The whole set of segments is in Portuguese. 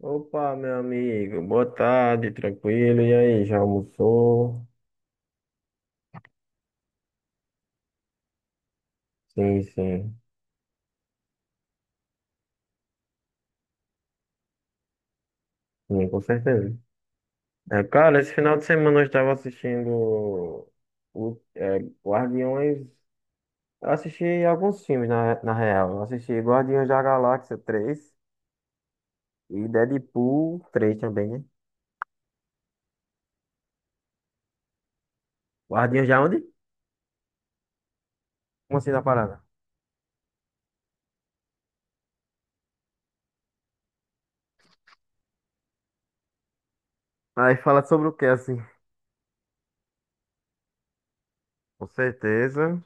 Opa, meu amigo, boa tarde, tranquilo. E aí, já almoçou? Sim, sim, sim, com certeza. É, cara, esse final de semana eu estava assistindo o, é, Guardiões. Eu assisti alguns filmes, na real. Eu assisti Guardiões da Galáxia 3 e Deadpool 3 também, né? Guardiões de onde? Como assim, na parada? Aí fala sobre o que assim? Com certeza.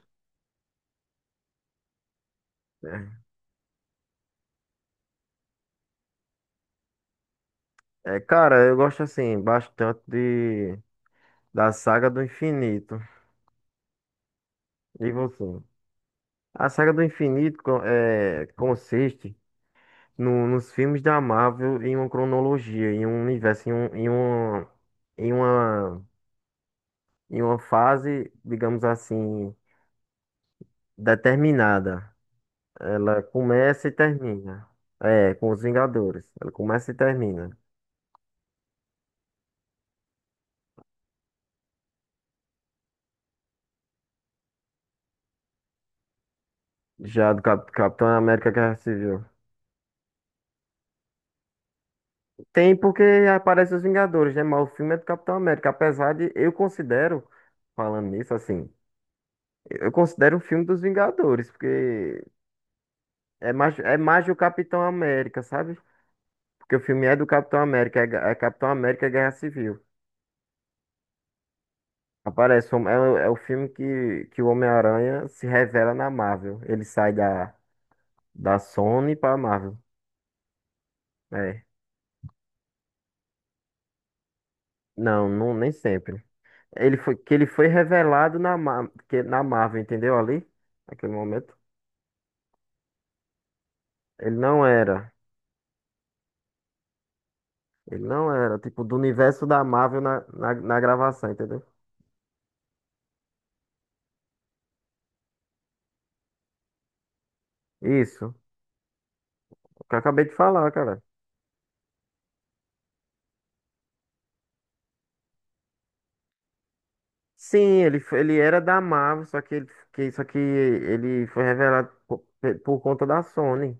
Cara, eu gosto assim bastante da saga do infinito. E você? A saga do infinito consiste nos filmes da Marvel em uma cronologia, em um universo, em, uma, em uma fase, digamos assim, determinada. Ela começa e termina. É, com os Vingadores. Ela começa e termina. Já do Capitão América Guerra Civil. Tem porque aparece os Vingadores, né? Mas o filme é do Capitão América. Apesar de eu considero, falando nisso, assim. Eu considero o filme dos Vingadores, porque é mais do Capitão América, sabe? Porque o filme é do Capitão América, é Capitão América e Guerra Civil. Aparece, é o filme que o Homem-Aranha se revela na Marvel. Ele sai da Sony pra Marvel. É. Não, não, nem sempre. Ele foi revelado na Marvel, entendeu? Ali, naquele momento. Ele não era. Ele não era, tipo, do universo da Marvel na gravação, entendeu? Isso. Que eu acabei de falar, cara. Sim, ele era da Marvel, só que ele foi revelado por conta da Sony.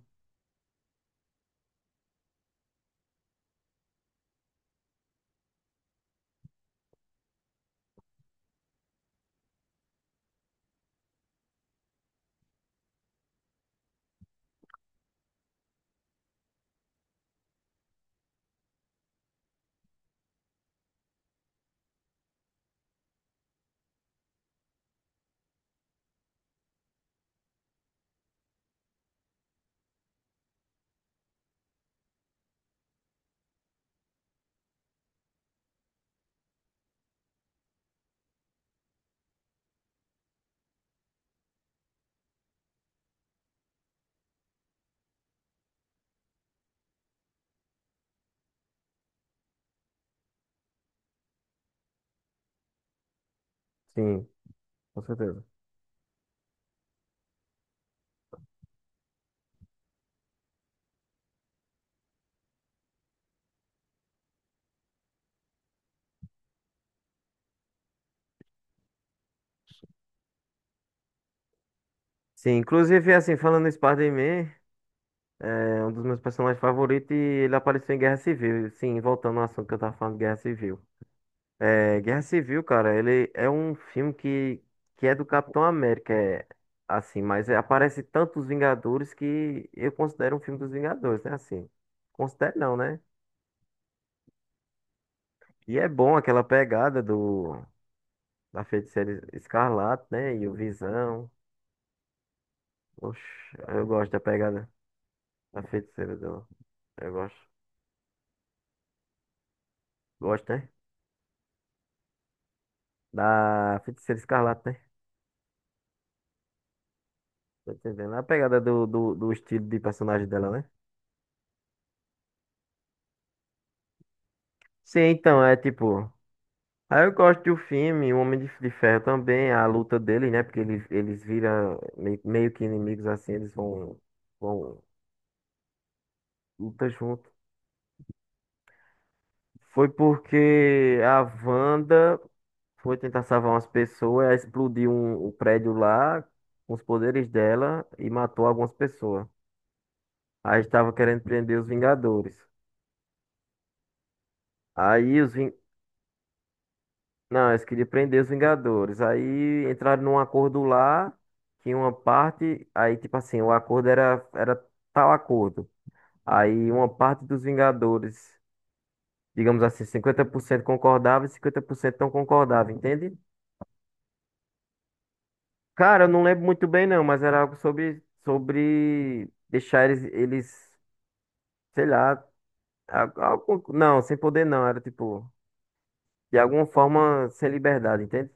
Sim, com certeza. Sim, inclusive, assim, falando em Spider-Man, é um dos meus personagens favoritos e ele apareceu em Guerra Civil. Sim, voltando ao assunto que eu tava falando, Guerra Civil. É, Guerra Civil, cara, ele é um filme que é do Capitão América, assim, mas aparece tantos Vingadores que eu considero um filme dos Vingadores, né? Assim, considero não, né? E é bom aquela pegada do da Feiticeira Escarlate, né? E o Visão. Oxe, eu gosto da pegada da Feiticeira do. Eu gosto. Gosto, né? Da Feiticeira Escarlate, né? Tá entendendo? A pegada do estilo de personagem dela, né? Sim, então, é tipo. Aí eu gosto do filme, o Homem de Ferro também, a luta dele, né? Porque eles viram meio que inimigos assim, eles vão luta junto. Foi porque a Wanda. Foi tentar salvar umas pessoas, ela explodiu o prédio lá com os poderes dela e matou algumas pessoas. Aí estava querendo prender os Vingadores. Aí os Ving... Não, eles queriam prender os Vingadores. Aí entraram num acordo lá, que uma parte. Aí, tipo assim, o acordo era tal acordo. Aí uma parte dos Vingadores, digamos assim, 50% concordava e 50% não concordava, entende? Cara, eu não lembro muito bem não, mas era algo sobre deixar eles, sei lá, algo, não, sem poder não, era tipo, de alguma forma sem liberdade, entende?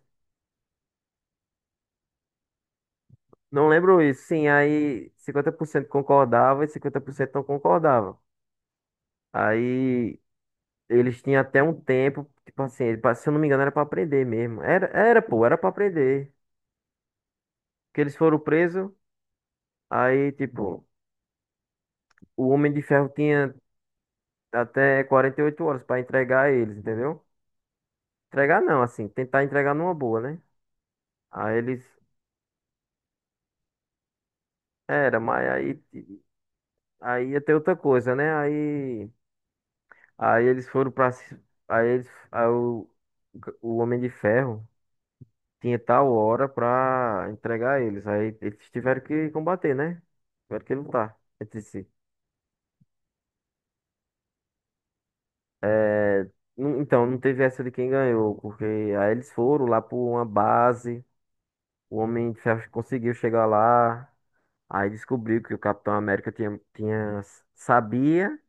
Não lembro isso, sim, aí 50% concordava e 50% não concordava. Aí eles tinham até um tempo, tipo assim, ele se eu não me engano era pra aprender mesmo. Pô, era pra aprender. Que eles foram presos, aí tipo, o Homem de Ferro tinha até 48 horas pra entregar eles, entendeu? Entregar não, assim, tentar entregar numa boa, né? Aí eles. Era, mas aí ia ter outra coisa, né? Aí eles foram pra. Aí, o Homem de Ferro tinha tal hora pra entregar eles. Aí eles tiveram que combater, né? Tiveram que lutar entre si. É, Então, não teve essa de quem ganhou, porque aí eles foram lá pra uma base, o Homem de Ferro conseguiu chegar lá, aí descobriu que o Capitão América sabia.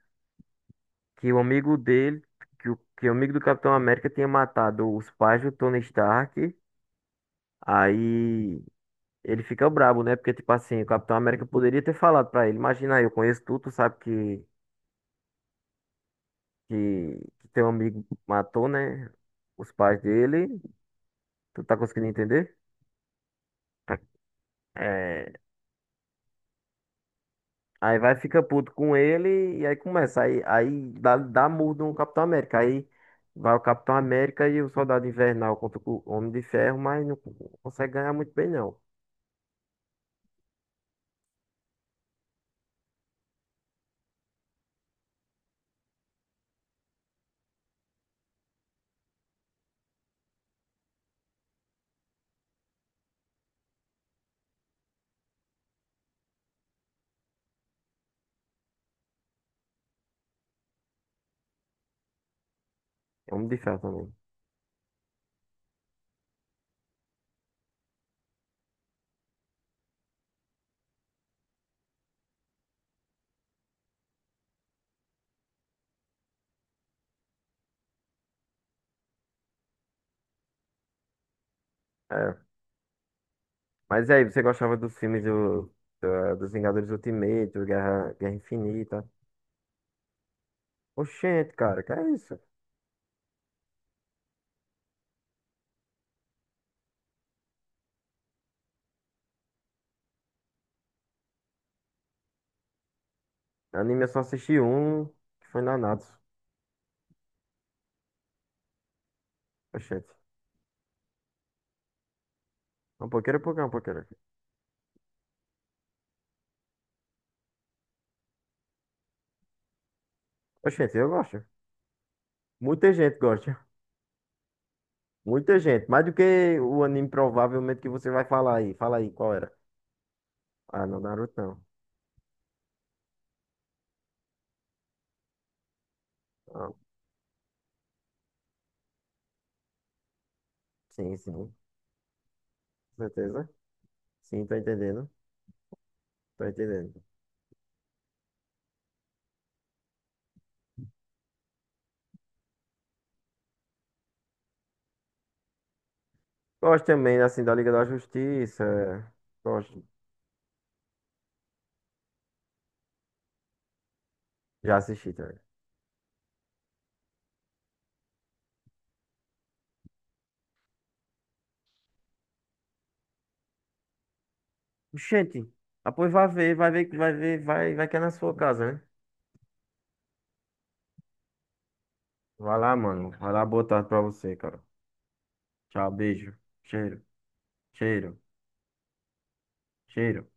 Que o amigo dele, que o amigo do Capitão América tinha matado os pais do Tony Stark. Aí ele fica brabo, né? Porque, tipo assim, o Capitão América poderia ter falado pra ele: Imagina aí, eu conheço tudo, tu sabe que, que teu amigo matou, né? Os pais dele. Tu tá conseguindo entender? É, Aí vai, fica puto com ele e aí começa. Aí, dá murro no Capitão América. Aí vai o Capitão América e o Soldado Invernal contra o Homem de Ferro, mas não consegue ganhar muito bem, não. Homem de Ferro também. É. Mas e aí, você gostava dos filmes dos Vingadores Ultimate, do Guerra Infinita? Oxente, cara, que é isso? Anime eu só assisti um, que foi Nanatsu. Oxente. É um pouquinho, um pouquinho, é um pouquinho. Oxente, eu gosto. Muita gente gosta. Muita gente. Mais do que o anime provavelmente que você vai falar aí. Fala aí, qual era? Ah, não, Naruto não. Ah, sim, sim. Com certeza. Sim, tô entendendo. Tô entendendo. Gosto também, assim, da Liga da Justiça. Gosto. Já assisti também. Gente, ah, pois vai ver, vai ver, vai ver, vai, vai que é na sua casa, né? Vai lá, mano. Vai lá, boa tarde pra você, cara. Tchau, beijo. Cheiro, cheiro, cheiro.